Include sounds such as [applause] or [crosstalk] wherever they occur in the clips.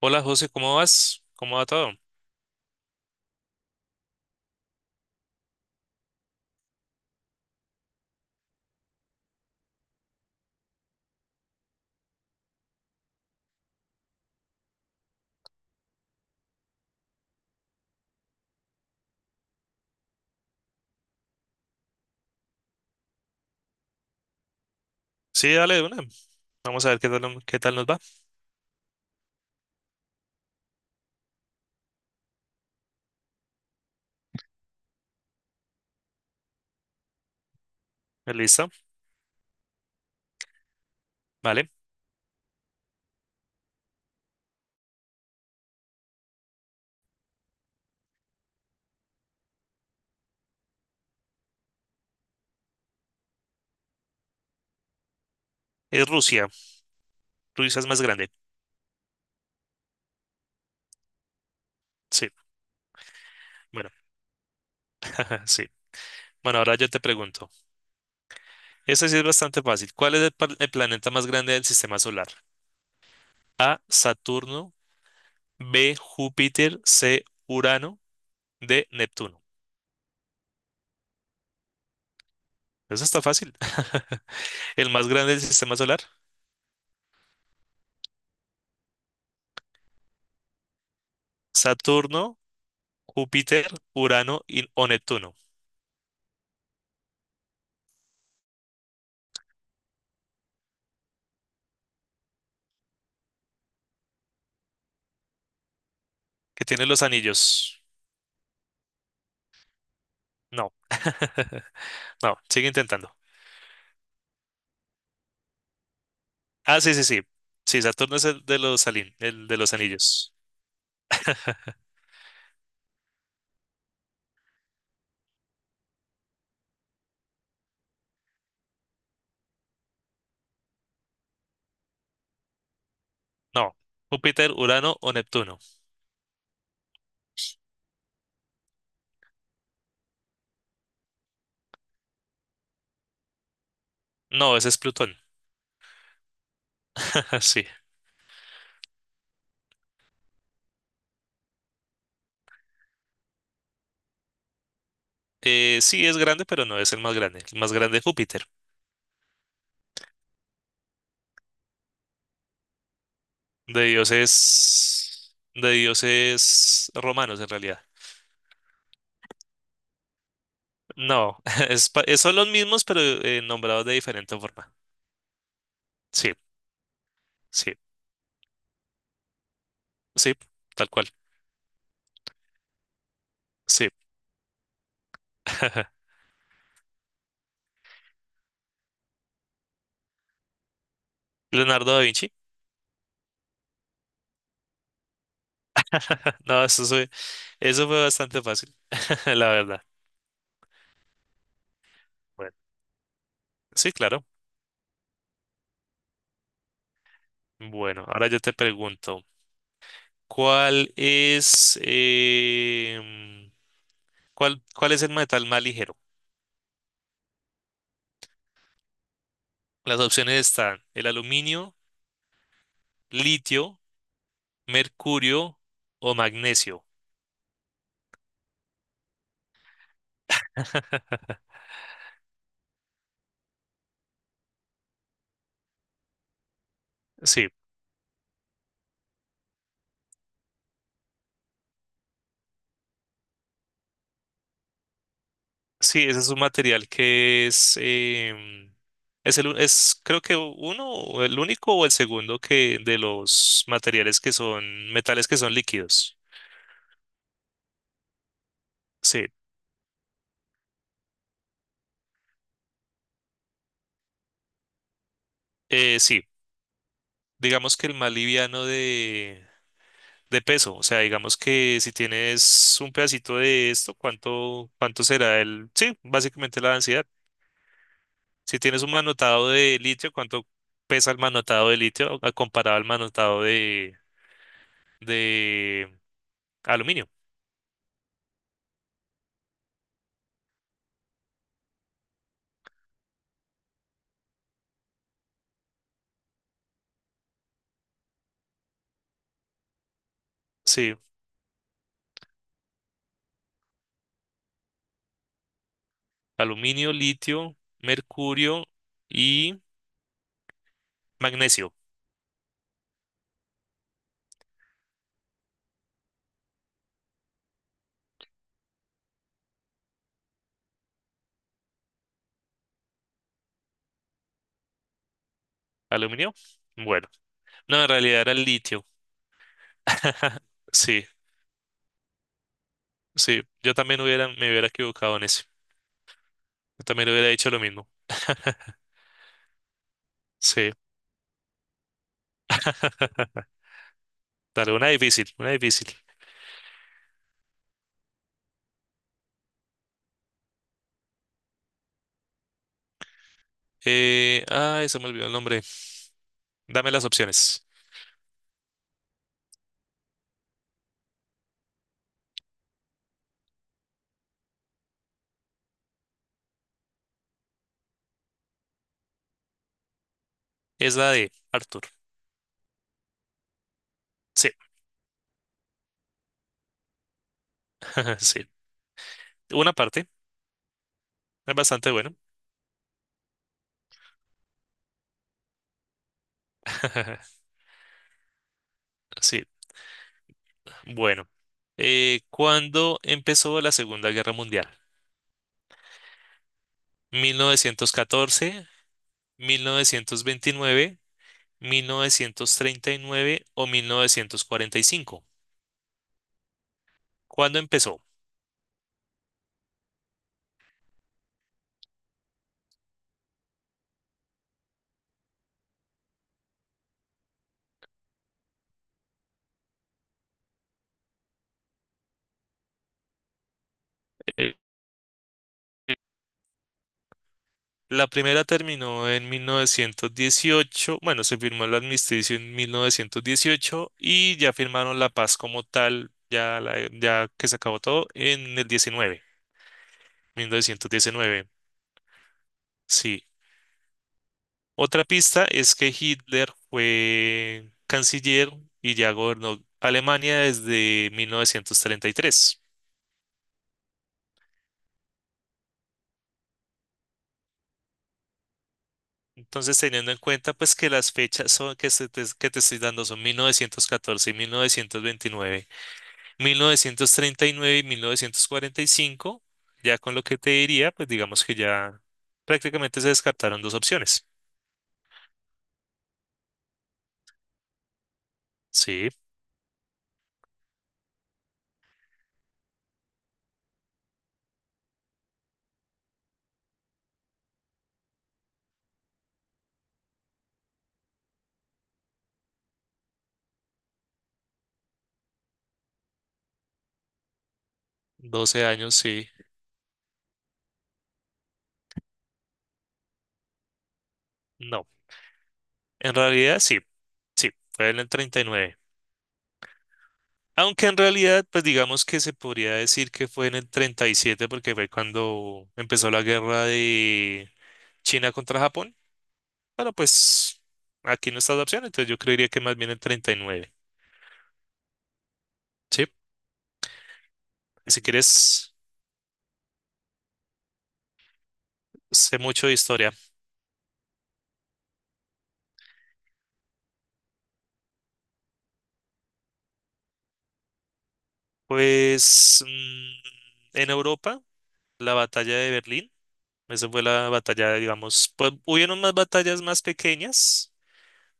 Hola José, ¿cómo vas? ¿Cómo va todo? Sí, dale de una. Vamos a ver qué tal, qué tal nos va. ¿Listo? Vale. Es Rusia. Rusia es más grande. Sí. Bueno, [laughs] ajá, sí. Bueno, ahora yo te pregunto. Esta sí es bastante fácil. ¿Cuál es el planeta más grande del sistema solar? A. Saturno. B. Júpiter. C. Urano. D. Neptuno. Eso está fácil. [laughs] El más grande del sistema solar. Saturno, Júpiter, Urano y, o Neptuno. Que tiene los anillos. No. [laughs] No, sigue intentando. Ah, sí, sí, sí. Sí, Saturno es el de el de los anillos. [laughs] No, Júpiter, Urano o Neptuno. No, ese es Plutón. [laughs] Sí. Sí, es grande, pero no es el más grande. El más grande es Júpiter. De dioses romanos, en realidad. No, [laughs] son los mismos, pero nombrados de diferente forma. Sí, sí, sí, tal cual. Sí. [laughs] Leonardo da Vinci. [laughs] No, eso fue bastante fácil, [laughs] la verdad. Bueno, sí, claro. Bueno, ahora yo te pregunto, ¿cuál es, em, cuál es el metal más ligero? Las opciones están el aluminio, litio, mercurio o magnesio. Sí, sí, ese es un material que es, es el, es creo que uno, o el único o el segundo que de los materiales que son metales que son líquidos. Sí, sí, digamos que el más liviano de peso. O sea, digamos que si tienes un pedacito de esto, ¿ cuánto será el? Sí, básicamente la densidad. Si tienes un manotado de litio, ¿cuánto pesa el manotado de litio comparado al manotado de aluminio? Sí, aluminio, litio, mercurio y magnesio. ¿Aluminio? Bueno, no, en realidad era el litio. [laughs] Sí, sí, yo también hubiera, me hubiera equivocado en eso. Yo también hubiera dicho lo mismo. [laughs] Sí. Dale, una difícil, una difícil. Ay, se me olvidó el nombre. Dame las opciones. Es la de Arthur. Sí, [laughs] sí. Una parte. Es bastante bueno. [laughs] Sí, bueno. ¿Cuándo empezó la Segunda Guerra Mundial? ¿1914, 1929, 1939 o 1945? ¿Cuándo empezó? Eh, La primera terminó en 1918, bueno, se firmó el armisticio en 1918 y ya firmaron la paz como tal, ya, ya que se acabó todo, en el 19, 1919, sí. Otra pista es que Hitler fue canciller y ya gobernó Alemania desde 1933. Entonces, teniendo en cuenta pues que las fechas son, que te estoy dando son 1914 y 1929. Mil novecientos treinta y nueve y 1945 ya con lo que te diría, pues digamos que ya prácticamente se descartaron dos opciones. Sí, 12 años, sí, no. En realidad, sí, sí, fue en el 39. Aunque en realidad, pues digamos que se podría decir que fue en el 37 porque fue cuando empezó la guerra de China contra Japón. Bueno, pues aquí no está la opción, entonces yo creería que más bien el 39. Sí, si quieres, sé mucho de historia. Pues en Europa, la batalla de Berlín, esa fue la batalla, digamos, pues hubieron más batallas más pequeñas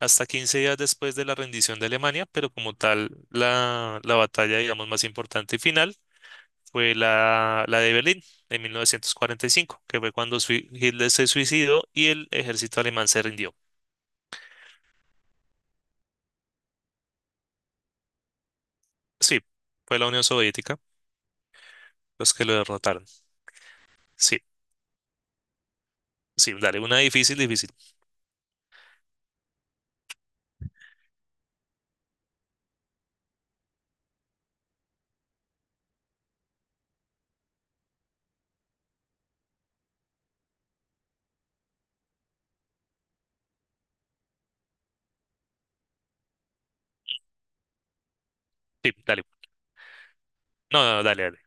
hasta 15 días después de la rendición de Alemania, pero como tal, la batalla, digamos, más importante y final fue la de Berlín en 1945, que fue cuando Hitler se suicidó y el ejército alemán se rindió. Sí, fue la Unión Soviética los que lo derrotaron. Sí, sí, dale, una difícil, difícil. Sí, dale. No, no, no, dale, dale.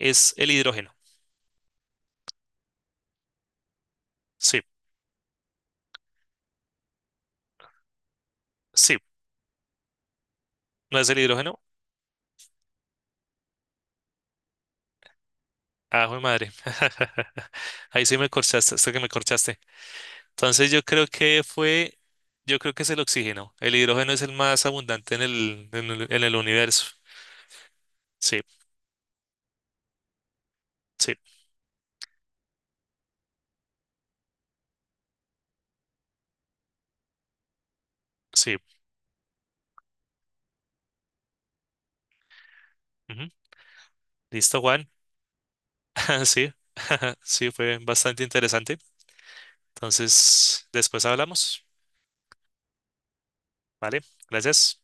Es el hidrógeno. Sí, sí, no es el hidrógeno. Ajo de madre. [laughs] Ahí sí me corchaste, hasta que me corchaste. Entonces yo creo que es el oxígeno. El hidrógeno es el más abundante en el universo. Sí, sí, sí. Ujú. Listo, Juan. [laughs] Sí, [laughs] sí, fue bastante interesante. Entonces, después hablamos. Vale, gracias.